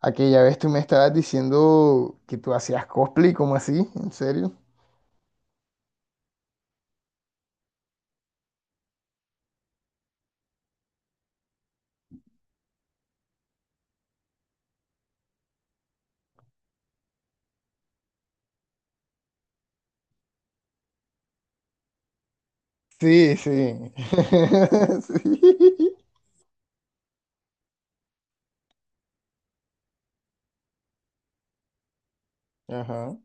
Aquella vez tú me estabas diciendo que tú hacías cosplay, ¿cómo así? ¿En serio? Sí, sí. Sí. Ajá.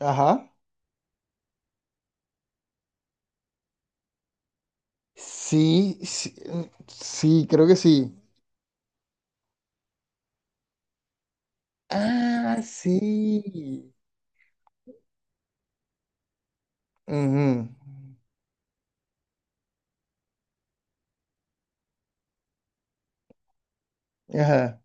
Ajá. Sí, sí, mm, sí, creo que sí. Ah, sí. Ujú. Ajá,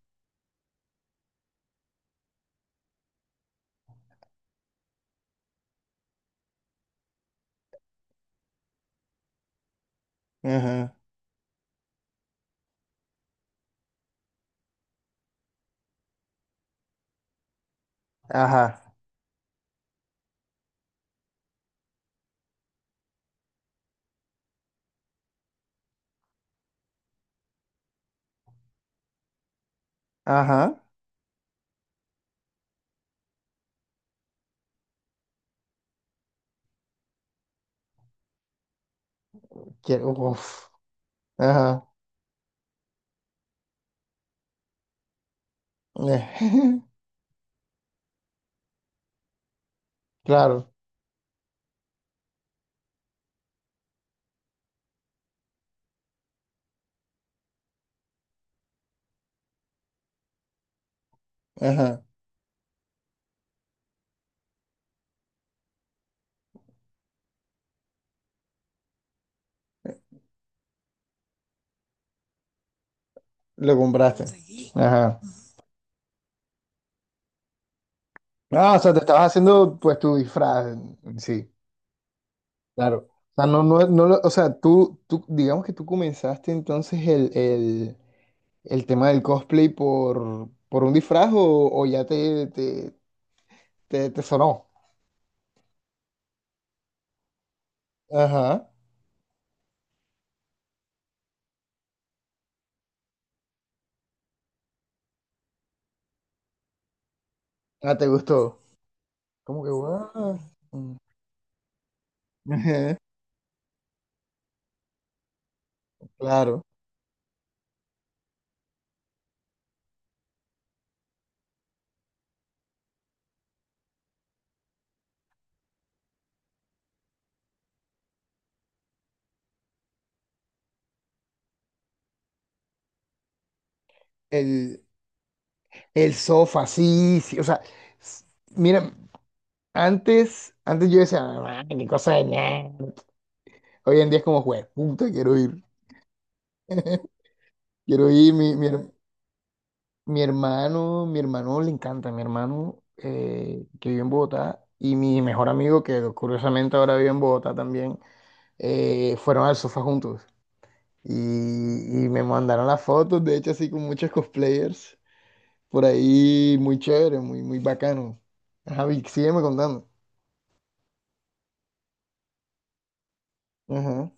ajá, ajá, ajá. Quiero, uf, ajá. Eh, Claro, ajá. Lo compraste. Ajá. Ah, o sea, te estabas haciendo pues tu disfraz. Sí. Claro. O sea, no, no, no, lo- o sea, tú, digamos que tú comenzaste entonces el tema del cosplay por un disfraz o ya te sonó. Ajá. Ah, te gustó. Como que, wow. Ajá, Claro. El, el sofá, sí, sí. O sea, s- mira, antes yo decía, "Ah, qué cosa de nerd". Hoy en día es como, juez, puta, quiero ir. Quiero ir, mi, her- Mi hermano le encanta, mi hermano que vive en Bogotá y mi mejor amigo que curiosamente ahora vive en Bogotá también, fueron al sofá juntos y, y me mandaron las fotos, de hecho así con muchos cosplayers por ahí, muy chévere, muy, muy bacano. Ajá, Vic, sígueme contando. Ajá.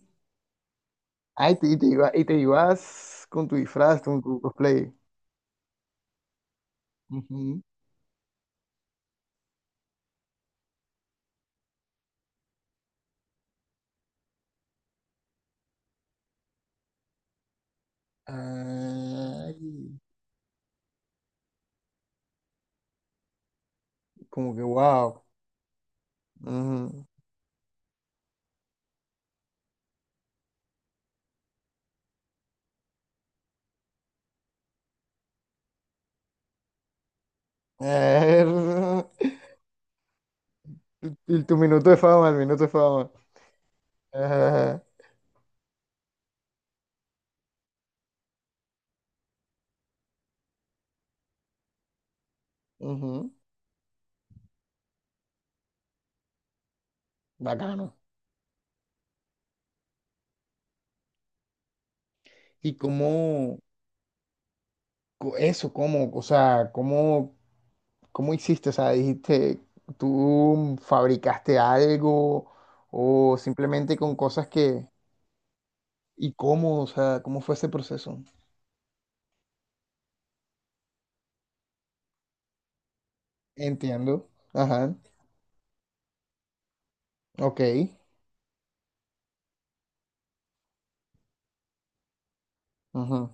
Ah, y te ibas con tu disfraz, con tu cosplay. Ujú. Ay, como que wow. Ujú. Y tu minuto de fama, el minuto de fama. Ajá, ajá. Ujú, bacano. ¿Y cómo, co- eso, cómo, o sea, cómo, cómo hiciste? O sea, dijiste, tú fabricaste algo o simplemente con cosas que, ¿y cómo? O sea, ¿cómo fue ese proceso? Entiendo. Ajá, ok. Ujú,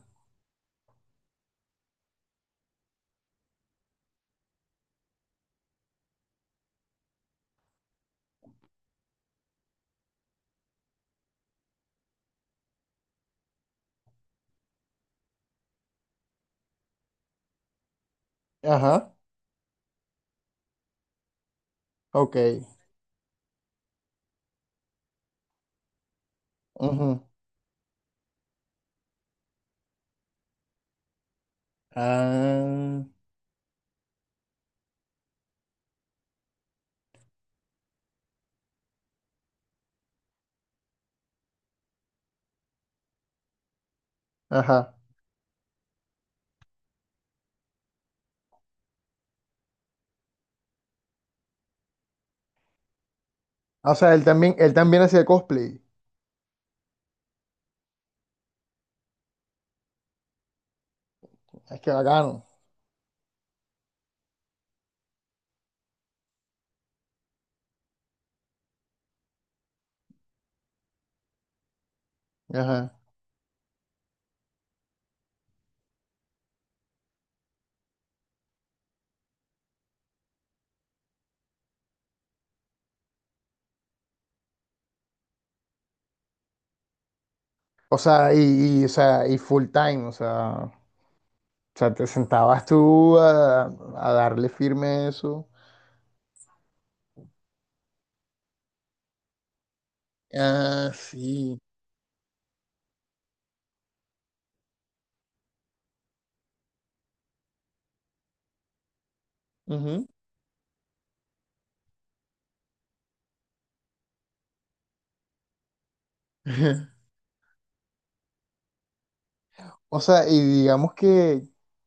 ajá, ok. Ujú, ah, ajá. O sea, él también hacía cosplay. Es que bacano. Ajá. O sea, y, o sea, y full time, o sea, te sentabas tú a darle firme a eso. Ah, sí. Ujú. O sea, y digamos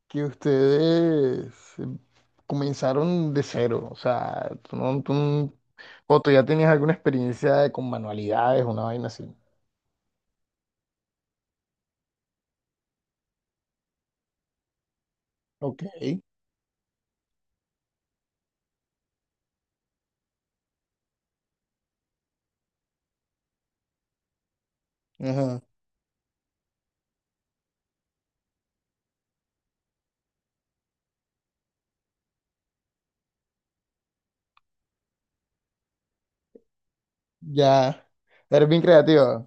que ustedes comenzaron de cero, o sea, tú no- o tú ya tenías alguna experiencia con manualidades, una vaina así. Ok. Ajá. Ya. Eres bien creativa.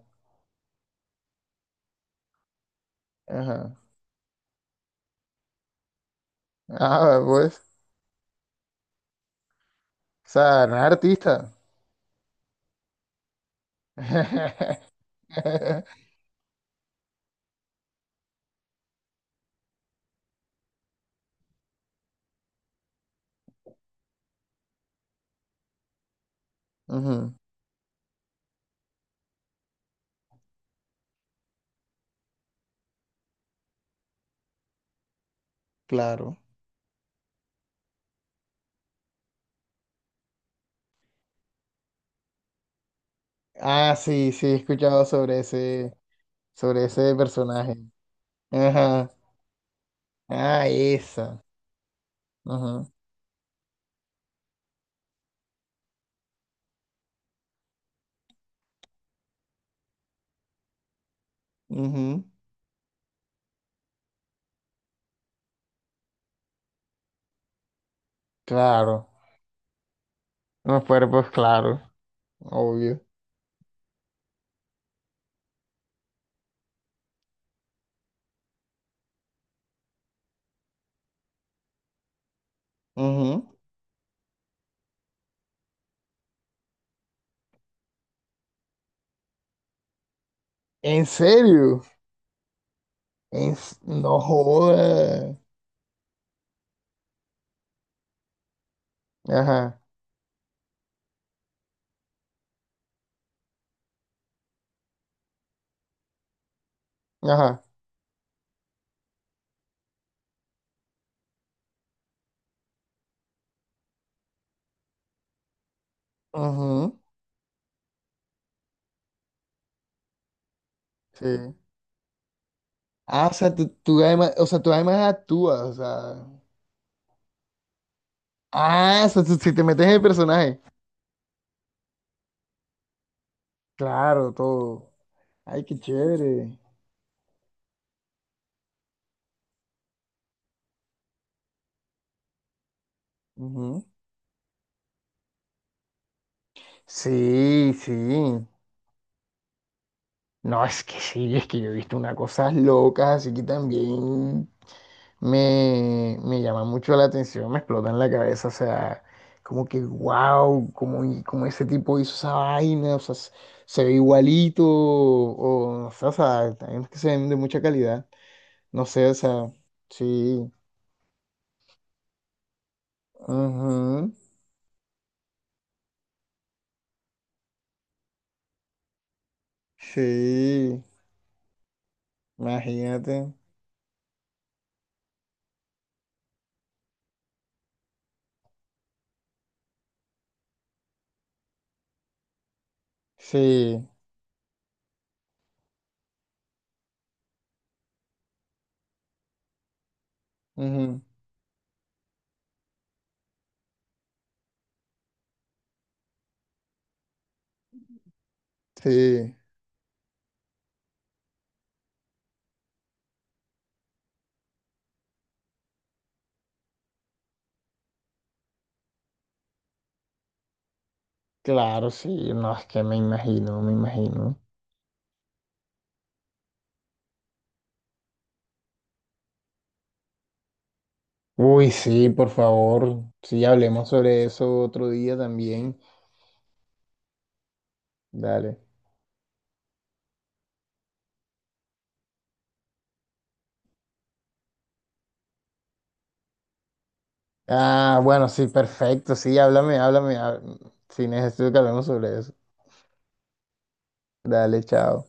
Ajá. Ah, pues, o sea, eres artista. Ujú, claro. Ah, sí, sí, he escuchado sobre ese personaje. Ajá. Ah, esa. Ajá. Ujú, claro. Los cuerpos, claro. Obvio. Ujú. ¿En serio? En s- No jodas. Ajá. Ajá. Ujú, sí. Ah, o sea, tú además, o sea, tú además actúas, o sea. Ah, o sea, tú- si te metes en el personaje. Claro, todo. Ay, qué chévere. Ujú. Sí, sí. No, es que sí, es que yo he visto unas cosas locas, así que también me llama mucho la atención, me explota en la cabeza, o sea, como que wow, como, y- como ese tipo hizo esa vaina, o sea, se se ve igualito, o sea, hay unos que se ven de mucha calidad, no sé, o sea, sí, ujú, sí, imagínate, sí, ujú, sí. Claro, sí, no, es que me imagino, me imagino. Uy, sí, por favor, sí, hablemos sobre eso otro día también. Dale. Ah, bueno, sí, perfecto, sí, háblame, háblame, há- sí, necesito que hablemos sobre eso. Dale, chao.